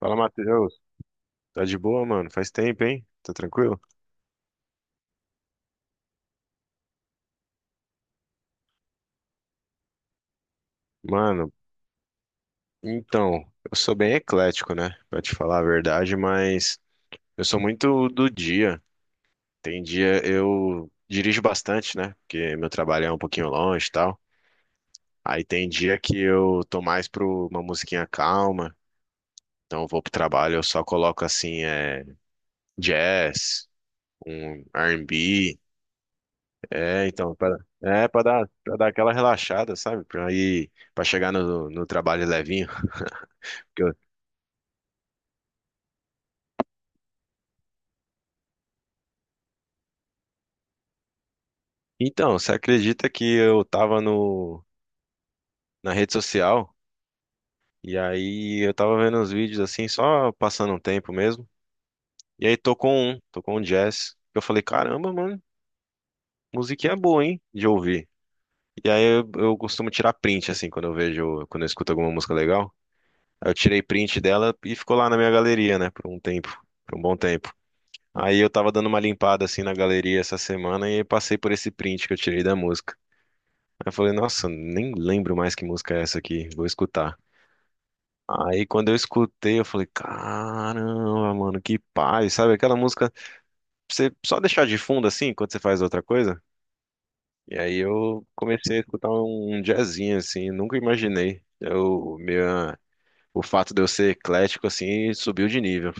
Fala, Matheus. Tá de boa, mano? Faz tempo, hein? Tá tranquilo? Mano, então, eu sou bem eclético, né? Pra te falar a verdade, mas eu sou muito do dia. Tem dia eu dirijo bastante, né? Porque meu trabalho é um pouquinho longe e tal. Aí tem dia que eu tô mais pro uma musiquinha calma. Então eu vou pro trabalho, eu só coloco assim, jazz, um R&B. É, então, pra dar aquela relaxada, sabe? Pra ir. Pra chegar no trabalho levinho. que eu- Então, você acredita que eu tava no, na rede social e aí eu tava vendo uns vídeos assim, só passando um tempo mesmo. E aí tocou um jazz. Eu falei, caramba, mano, musiquinha boa, hein, de ouvir. E aí eu costumo tirar print, assim, quando eu vejo, quando eu escuto alguma música legal. Aí eu tirei print dela e ficou lá na minha galeria, né, por um tempo, por um bom tempo. Aí eu tava dando uma limpada assim na galeria essa semana e passei por esse print que eu tirei da música. Eu falei, nossa, nem lembro mais que música é essa aqui, vou escutar. Aí quando eu escutei, eu falei, caramba, mano, que paz, sabe? Aquela música, pra você só deixar de fundo assim, quando você faz outra coisa. E aí eu comecei a escutar um jazzinho assim, nunca imaginei. O fato de eu ser eclético assim subiu de nível.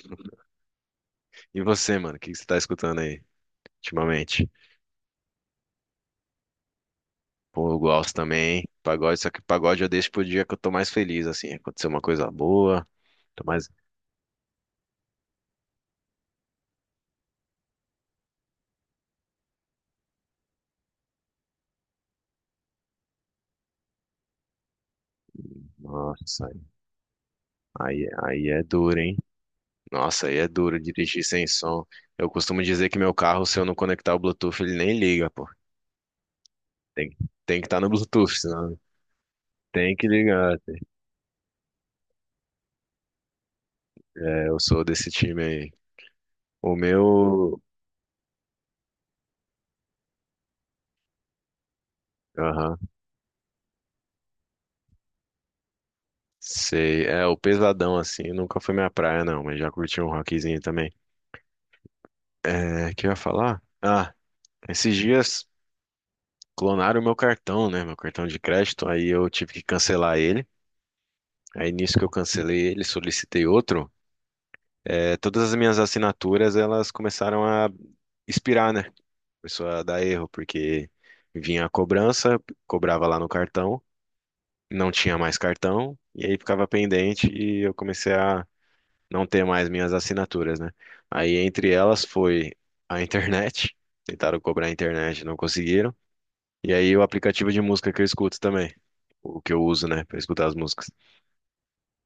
E você, mano, o que que você tá escutando aí ultimamente? Pô, eu gosto também, hein? Pagode, só que pagode eu deixo pro dia que eu tô mais feliz, assim, aconteceu uma coisa boa, tô mais. Nossa, aí é duro, hein? Nossa, aí é duro dirigir sem som. Eu costumo dizer que meu carro, se eu não conectar o Bluetooth, ele nem liga, pô. Tem, tem que estar no Bluetooth, senão tem que ligar. É, eu sou desse time aí. O meu. Aham, sei. É, o pesadão, assim, nunca foi minha praia, não, mas já curti um rockzinho também. É, que eu ia falar? Ah, esses dias clonaram o meu cartão, né? Meu cartão de crédito, aí eu tive que cancelar ele. Aí nisso que eu cancelei ele, solicitei outro. É, todas as minhas assinaturas, elas começaram a expirar, né? Começou a dar erro, porque vinha a cobrança, cobrava lá no cartão, não tinha mais cartão, e aí ficava pendente e eu comecei a não ter mais minhas assinaturas, né? Aí entre elas foi a internet, tentaram cobrar a internet, não conseguiram, e aí o aplicativo de música que eu escuto também, o que eu uso, né, para escutar as músicas,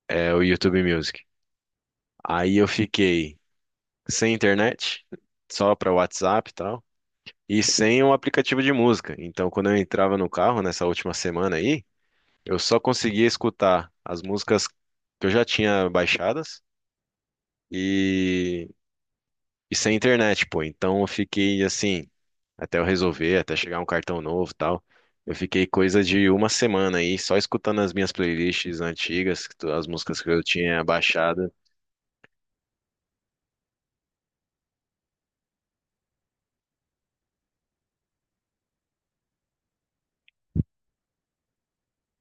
é o YouTube Music. Aí eu fiquei sem internet, só para WhatsApp e tal. E sem um aplicativo de música. Então, quando eu entrava no carro nessa última semana aí, eu só conseguia escutar as músicas que eu já tinha baixadas e, e sem internet, pô. Então, eu fiquei assim, até eu resolver, até chegar um cartão novo e tal. Eu fiquei coisa de uma semana aí, só escutando as minhas playlists antigas, as músicas que eu tinha baixado.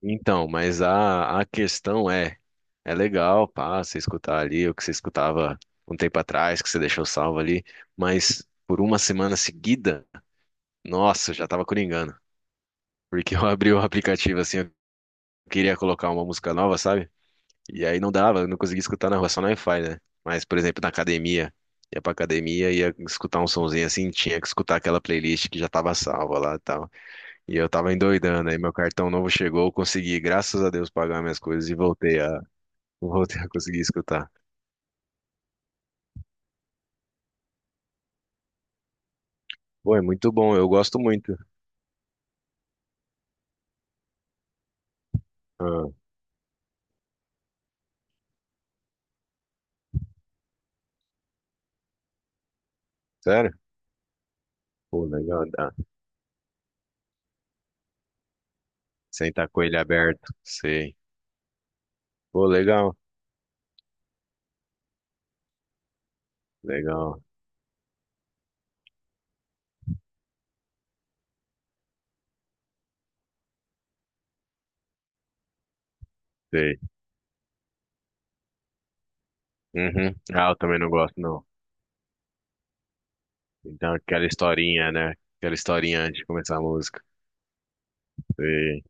Então, mas a questão é, é legal, pá, você escutar ali o que você escutava um tempo atrás, que você deixou salvo ali, mas por uma semana seguida, nossa, eu já tava coringando, porque eu abri o aplicativo assim, eu queria colocar uma música nova, sabe? E aí não dava, eu não conseguia escutar na rua, só no Wi-Fi, né? Mas, por exemplo, na academia, ia pra academia, ia escutar um sonzinho assim, tinha que escutar aquela playlist que já tava salva lá e tal. E eu tava endoidando, aí meu cartão novo chegou, eu consegui, graças a Deus, pagar minhas coisas e voltei. Vou voltar a conseguir escutar. Pô, é muito bom, eu gosto muito. Ah, sério? Pô, legal. Ah, sentar com ele aberto, sei. Pô, legal, legal, sei. Uhum. Ah, eu também não gosto, não. Então, aquela historinha, né? Aquela historinha antes de começar a música. Sei.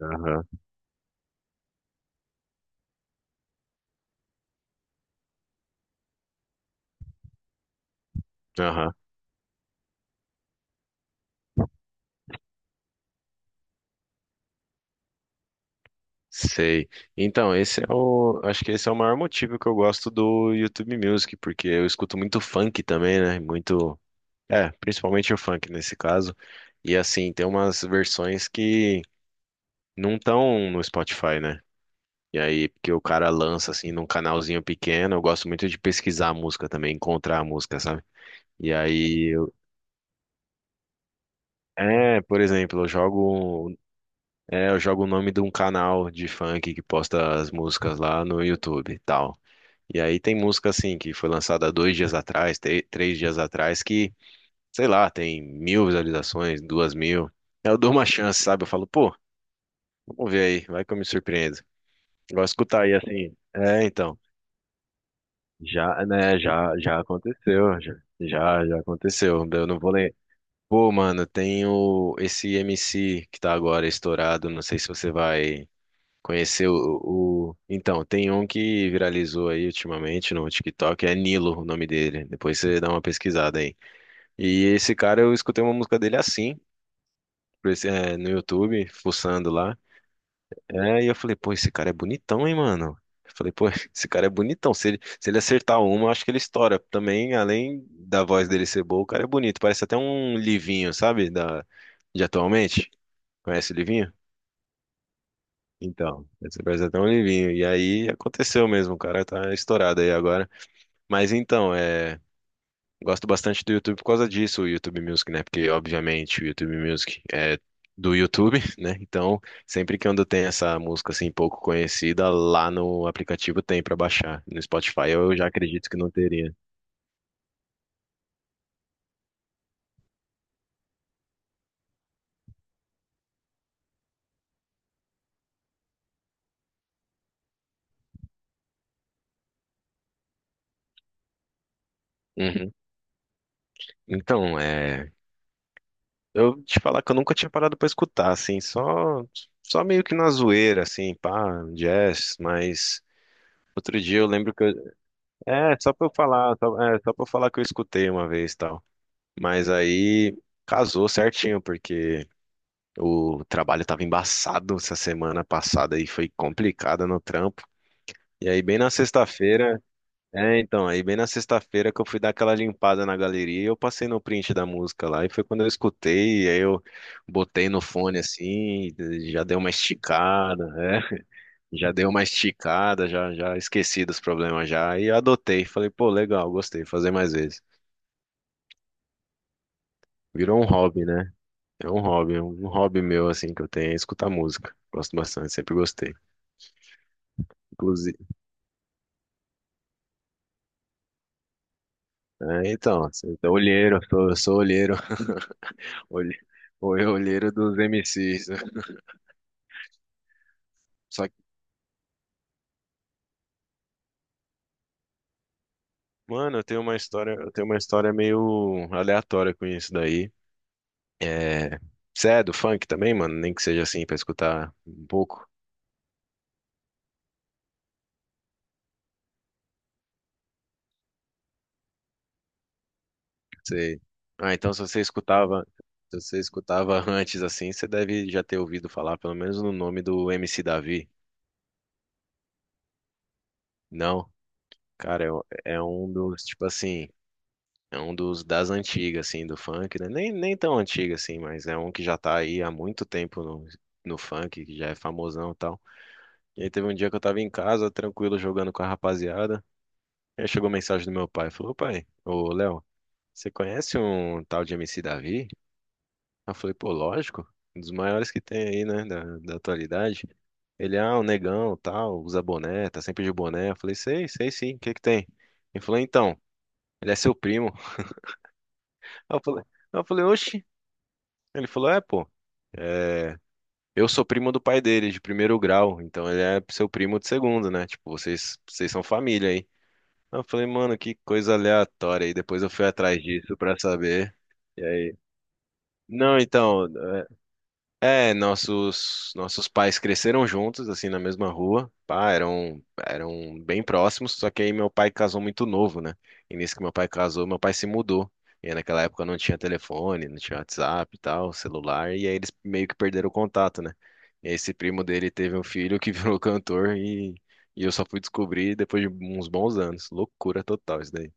Aham, aham. Sei. Então, esse é o. Acho que esse é o maior motivo que eu gosto do YouTube Music, porque eu escuto muito funk também, né? Muito. É, principalmente o funk nesse caso. E assim, tem umas versões que não estão no Spotify, né? E aí, porque o cara lança assim num canalzinho pequeno, eu gosto muito de pesquisar a música também, encontrar a música, sabe? E aí, por exemplo, eu jogo o nome de um canal de funk que posta as músicas lá no YouTube e tal. E aí tem música assim que foi lançada 2 dias atrás, 3 dias atrás, que, sei lá, tem 1.000 visualizações, 2.000. Aí eu dou uma chance, sabe? Eu falo, pô, vamos ver aí, vai que eu me surpreendo. Eu gosto de escutar aí assim. É, então. Já, né, já, já aconteceu, já, já, já aconteceu. Eu não vou ler. Pô, mano, tem esse MC que tá agora estourado, não sei se você vai conhecer o. Então, tem um que viralizou aí ultimamente no TikTok, é Nilo o nome dele. Depois você dá uma pesquisada aí. E esse cara, eu escutei uma música dele assim, no YouTube, fuçando lá. É, e eu falei, pô, esse cara é bonitão, hein, mano? Eu falei, pô, esse cara é bonitão. Se ele acertar uma, eu acho que ele estoura. Também, além da voz dele ser boa, o cara é bonito. Parece até um Livinho, sabe? De atualmente. Conhece o Livinho? Então, esse parece até um Livinho. E aí aconteceu mesmo, o cara tá estourado aí agora. Mas então, é. Gosto bastante do YouTube por causa disso, o YouTube Music, né? Porque, obviamente, o YouTube Music é do YouTube, né? Então, sempre que quando tem essa música assim pouco conhecida, lá no aplicativo tem pra baixar. No Spotify eu já acredito que não teria. Uhum. Então, eu te falar que eu nunca tinha parado pra escutar, assim, só meio que na zoeira, assim, pá, jazz, mas outro dia eu lembro que eu. É, só pra eu falar, que eu escutei uma vez, tal. Mas aí casou certinho, porque o trabalho tava embaçado essa semana passada e foi complicada no trampo. E aí, bem na sexta-feira, que eu fui dar aquela limpada na galeria e eu passei no print da música lá. E foi quando eu escutei, e aí eu botei no fone assim, e já deu uma esticada, é, já esqueci dos problemas já. E adotei, falei, pô, legal, gostei, fazer mais vezes. Virou um hobby, né? É um hobby meu, assim, que eu tenho é escutar música. Gosto bastante, sempre gostei. Inclusive, olheiro, eu sou olheiro, olhe- olheiro dos MCs. Só que, mano, eu tenho uma história meio aleatória com isso daí. É, você é do funk também, mano? Nem que seja assim, pra escutar um pouco. Você. Ah, então se você escutava antes assim, você deve já ter ouvido falar, pelo menos no nome do MC Davi. Não? Cara, tipo assim, é um dos das antigas, assim, do funk, né? Nem tão antigo, assim, mas é um que já tá aí há muito tempo no funk, que já é famosão e tal. E aí teve um dia que eu tava em casa, tranquilo, jogando com a rapaziada. Aí chegou mensagem do meu pai, falou, pai, ô Léo, você conhece um tal de MC Davi? Eu falei, pô, lógico, um dos maiores que tem aí, né, da atualidade. Ele, o negão, tal, usa boné, tá sempre de boné. Eu falei, sei, sei sim, o que que tem? Ele falou, então, ele é seu primo. Aí Eu falei, aí eu falei, oxi. Ele falou, é, pô, eu sou primo do pai dele, de primeiro grau, então ele é seu primo de segundo, né? Tipo, vocês são família aí. Aí eu falei, mano, que coisa aleatória. E depois eu fui atrás disso pra saber. E aí, não, então. É, nossos pais cresceram juntos, assim, na mesma rua. Pá, eram bem próximos, só que aí meu pai casou muito novo, né? E nisso que meu pai casou, meu pai se mudou. E naquela época não tinha telefone, não tinha WhatsApp e tal, celular, e aí eles meio que perderam o contato, né? E esse primo dele teve um filho que virou cantor e eu só fui descobrir depois de uns bons anos. Loucura total isso daí.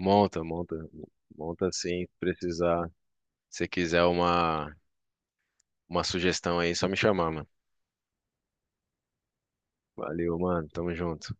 Monta, monta, monta assim, se precisar. Se quiser uma sugestão aí, só me chamar, mano. Valeu, mano. Tamo junto.